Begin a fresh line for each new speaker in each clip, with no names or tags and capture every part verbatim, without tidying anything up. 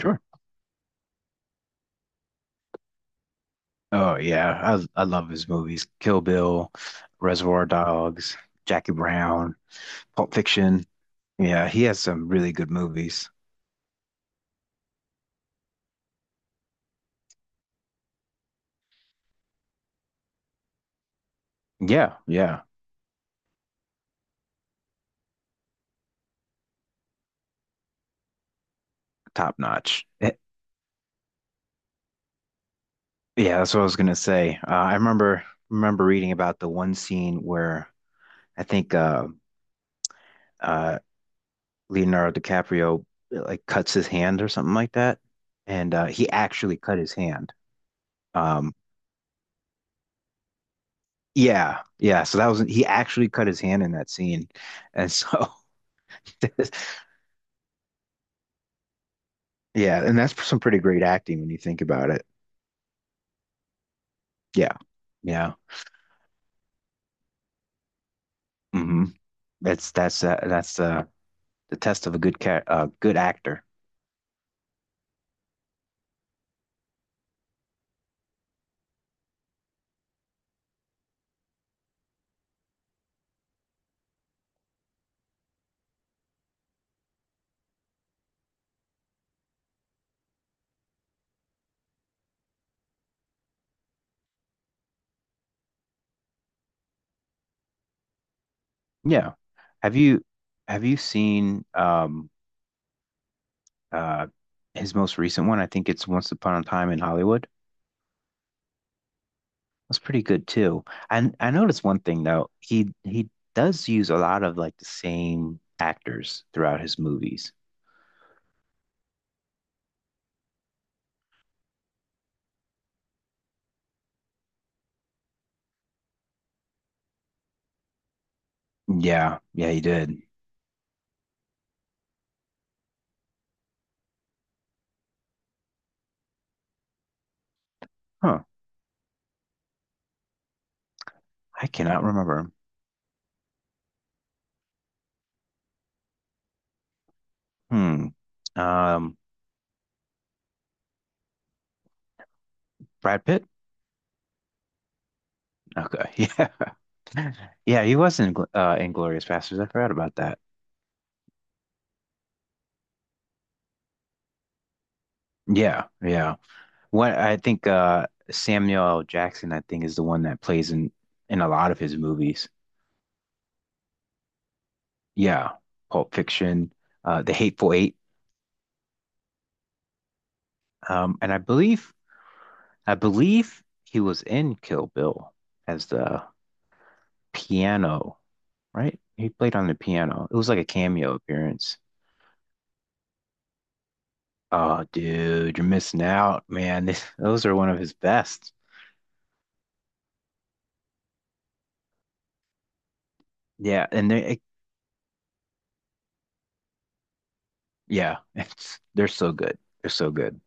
Sure. Oh yeah, I I love his movies. Kill Bill, Reservoir Dogs, Jackie Brown, Pulp Fiction. Yeah, he has some really good movies. Yeah, yeah, top notch. Eh, yeah, that's what I was gonna say. Uh, I remember remember reading about the one scene where I think uh, uh, Leonardo DiCaprio uh, like cuts his hand or something like that, and uh, he actually cut his hand. Um, yeah, yeah. So that was he actually cut his hand in that scene, and so. there's, Yeah, and that's some pretty great acting when you think about it. Yeah, yeah. hmm That's that's uh, that's uh, the test of a good cat, uh, good actor. Yeah. Have you have you seen um uh his most recent one? I think it's Once Upon a Time in Hollywood. That's pretty good too. And I noticed one thing though. He he does use a lot of like the same actors throughout his movies. Yeah, yeah, he did. Huh. I cannot remember him. Hmm. Um, Brad Pitt? Okay. Yeah. Yeah, he was in Gl- uh Inglorious Bastards. I forgot about that. Yeah, yeah. What I think uh Samuel L. Jackson, I think, is the one that plays in in a lot of his movies. Yeah. Pulp Fiction, uh The Hateful Eight. Um, and I believe I believe he was in Kill Bill as the piano, right? He played on the piano. It was like a cameo appearance. Oh, dude, you're missing out, man. Those are one of his best. Yeah, and they Yeah, it's they're so good. They're so good.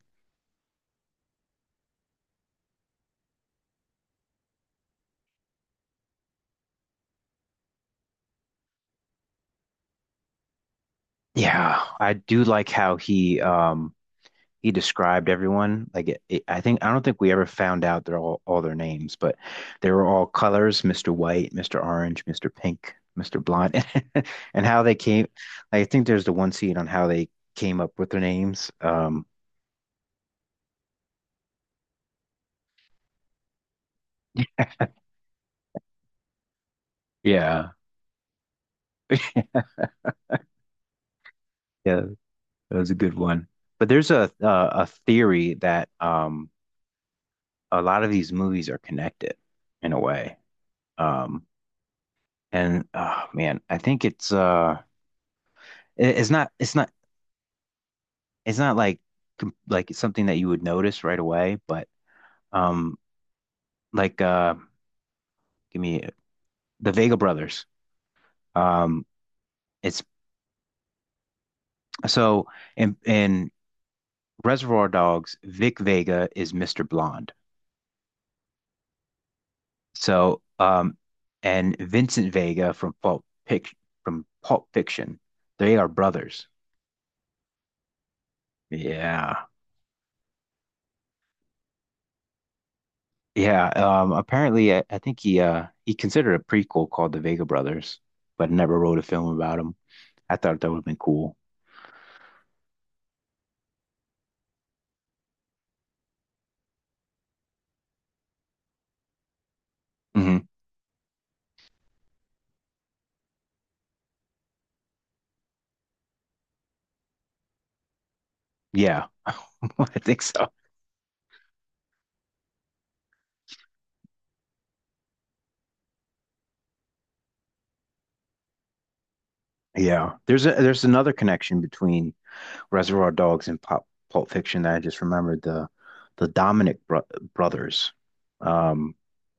Yeah, I do like how he um he described everyone. Like it, it- I think I don't think we ever found out their all all their names, but they were all colors, mister White, mister Orange, mister Pink, mister Blonde, and how they came. I think there's the one scene on how they came up with their names. Um, yeah, yeah, that was a good one. But there's a a, a theory that um a lot of these movies are connected in a way. Um, And oh man, I think it's uh it- it's not it's not it's not like com- like something that you would notice right away, but um like uh give me the Vega brothers. Um it's So in in Reservoir Dogs, Vic Vega is mister Blonde. So um and Vincent Vega from Pulp Fic from Pulp Fiction, they are brothers. Yeah. Yeah, um, apparently I, I think he uh he considered a prequel called The Vega Brothers, but never wrote a film about him. I thought that would have been cool. hmm Yeah, I think so. Yeah, there's a there's another connection between Reservoir Dogs and Pop Pulp Fiction that I just remembered. The the Dominic bro brothers, um,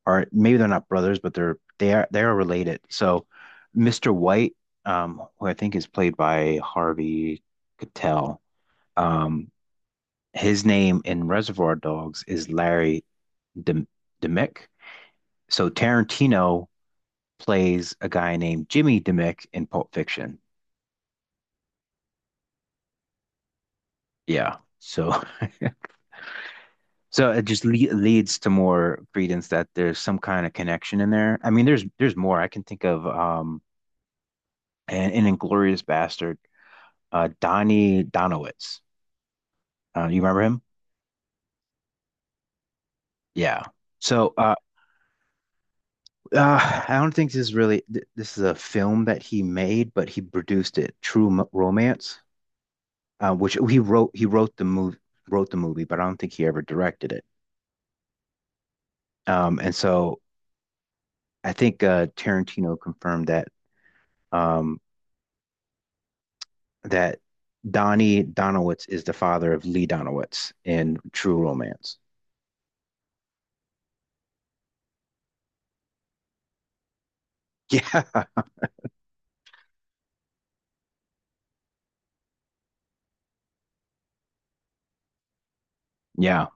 are maybe they're not brothers, but they're they are they are related. So, mister White, um, who I think is played by Harvey Keitel, um, his name in Reservoir Dogs is Larry Dem- Demick. So Tarantino plays a guy named Jimmy Demick in Pulp Fiction. Yeah. So so it just le- leads to more credence that there's some kind of connection in there. I mean, there's there's more I can think of. Um, and in Inglorious Bastard, uh, Donnie Donowitz. Uh, you remember him? Yeah. So uh, uh, I don't think this is really th- this is a film that he made, but he produced it. True M- Romance. Uh, which he wrote he wrote the movie wrote the movie, but I don't think he ever directed it. Um, and so I think uh, Tarantino confirmed that um, that Donnie Donowitz is the father of Lee Donowitz in True Romance. Yeah, yeah,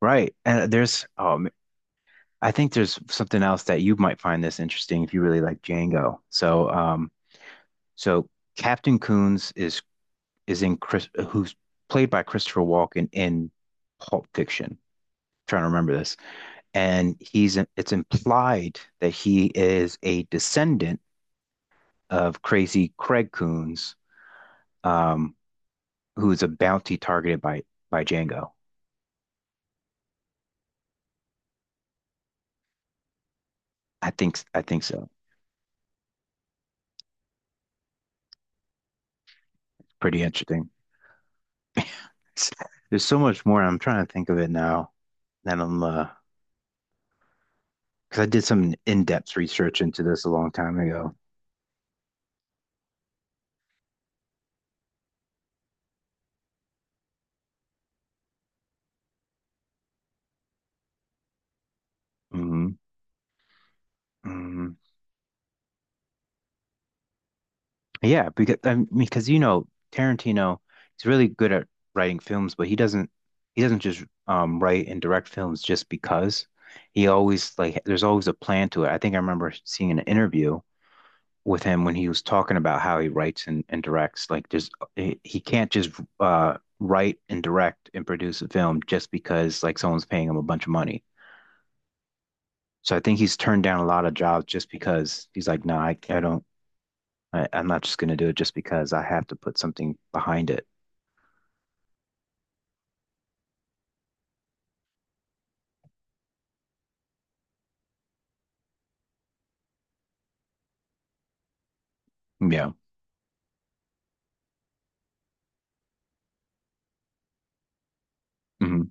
right. And there's um, I think there's something else that you might find this interesting if you really like Django. So um, so Captain Coons is is in Chris who's played by Christopher Walken in Pulp Fiction. Trying to remember this. And he's it's implied that he is a descendant of Crazy Craig Coons, um, who's a bounty targeted by by Django. I think I think so. Pretty interesting. It's- There's so much more. I'm trying to think of it now. That I'm uh, Because I did some in-depth research into this a long time ago. hmm Yeah, because I mean, because you know Tarantino, he's really good at writing films, but he doesn't he doesn't just um write and direct films just because. He always like there's always a plan to it. I think I remember seeing an interview with him when he was talking about how he writes and, and directs. Like there's he he can't just uh write and direct and produce a film just because like someone's paying him a bunch of money. So I think he's turned down a lot of jobs just because he's like, no, I, I don't I, I'm not just going to do it just because I have to put something behind it. Yeah. hmm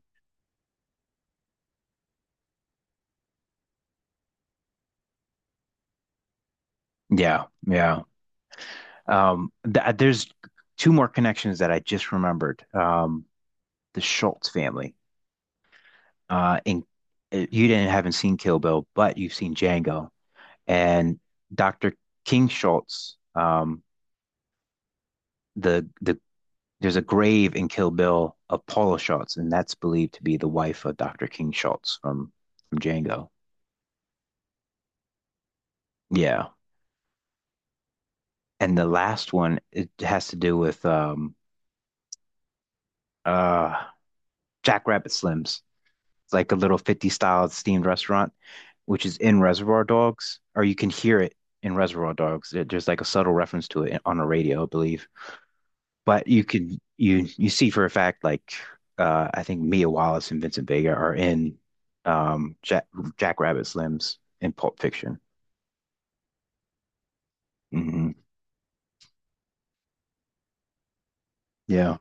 Yeah. Yeah. Um, th uh, There's two more connections that I just remembered. Um, the Schultz family. Uh, in uh, You didn't haven't seen Kill Bill, but you've seen Django and doctor King Schultz. Um, the the there's a grave in Kill Bill of Paula Schultz, and that's believed to be the wife of doctor King Schultz from from Django. Yeah. And the last one, it has to do with um uh Jackrabbit Slims. It's like a little fifties style themed restaurant, which is in Reservoir Dogs, or you can hear it in Reservoir Dogs. It- there's like a subtle reference to it on the radio, I believe. But you can you you see for a fact like uh I think Mia Wallace and Vincent Vega are in um Jack Jack Rabbit Slims in Pulp Fiction. hmm Yeah.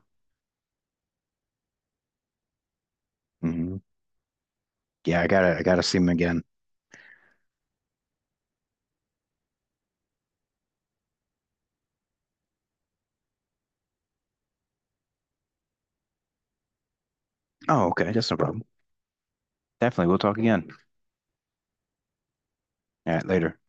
hmm Yeah, I gotta I gotta see him again. Oh, okay, that's no problem. Definitely, we'll talk again. All right, later.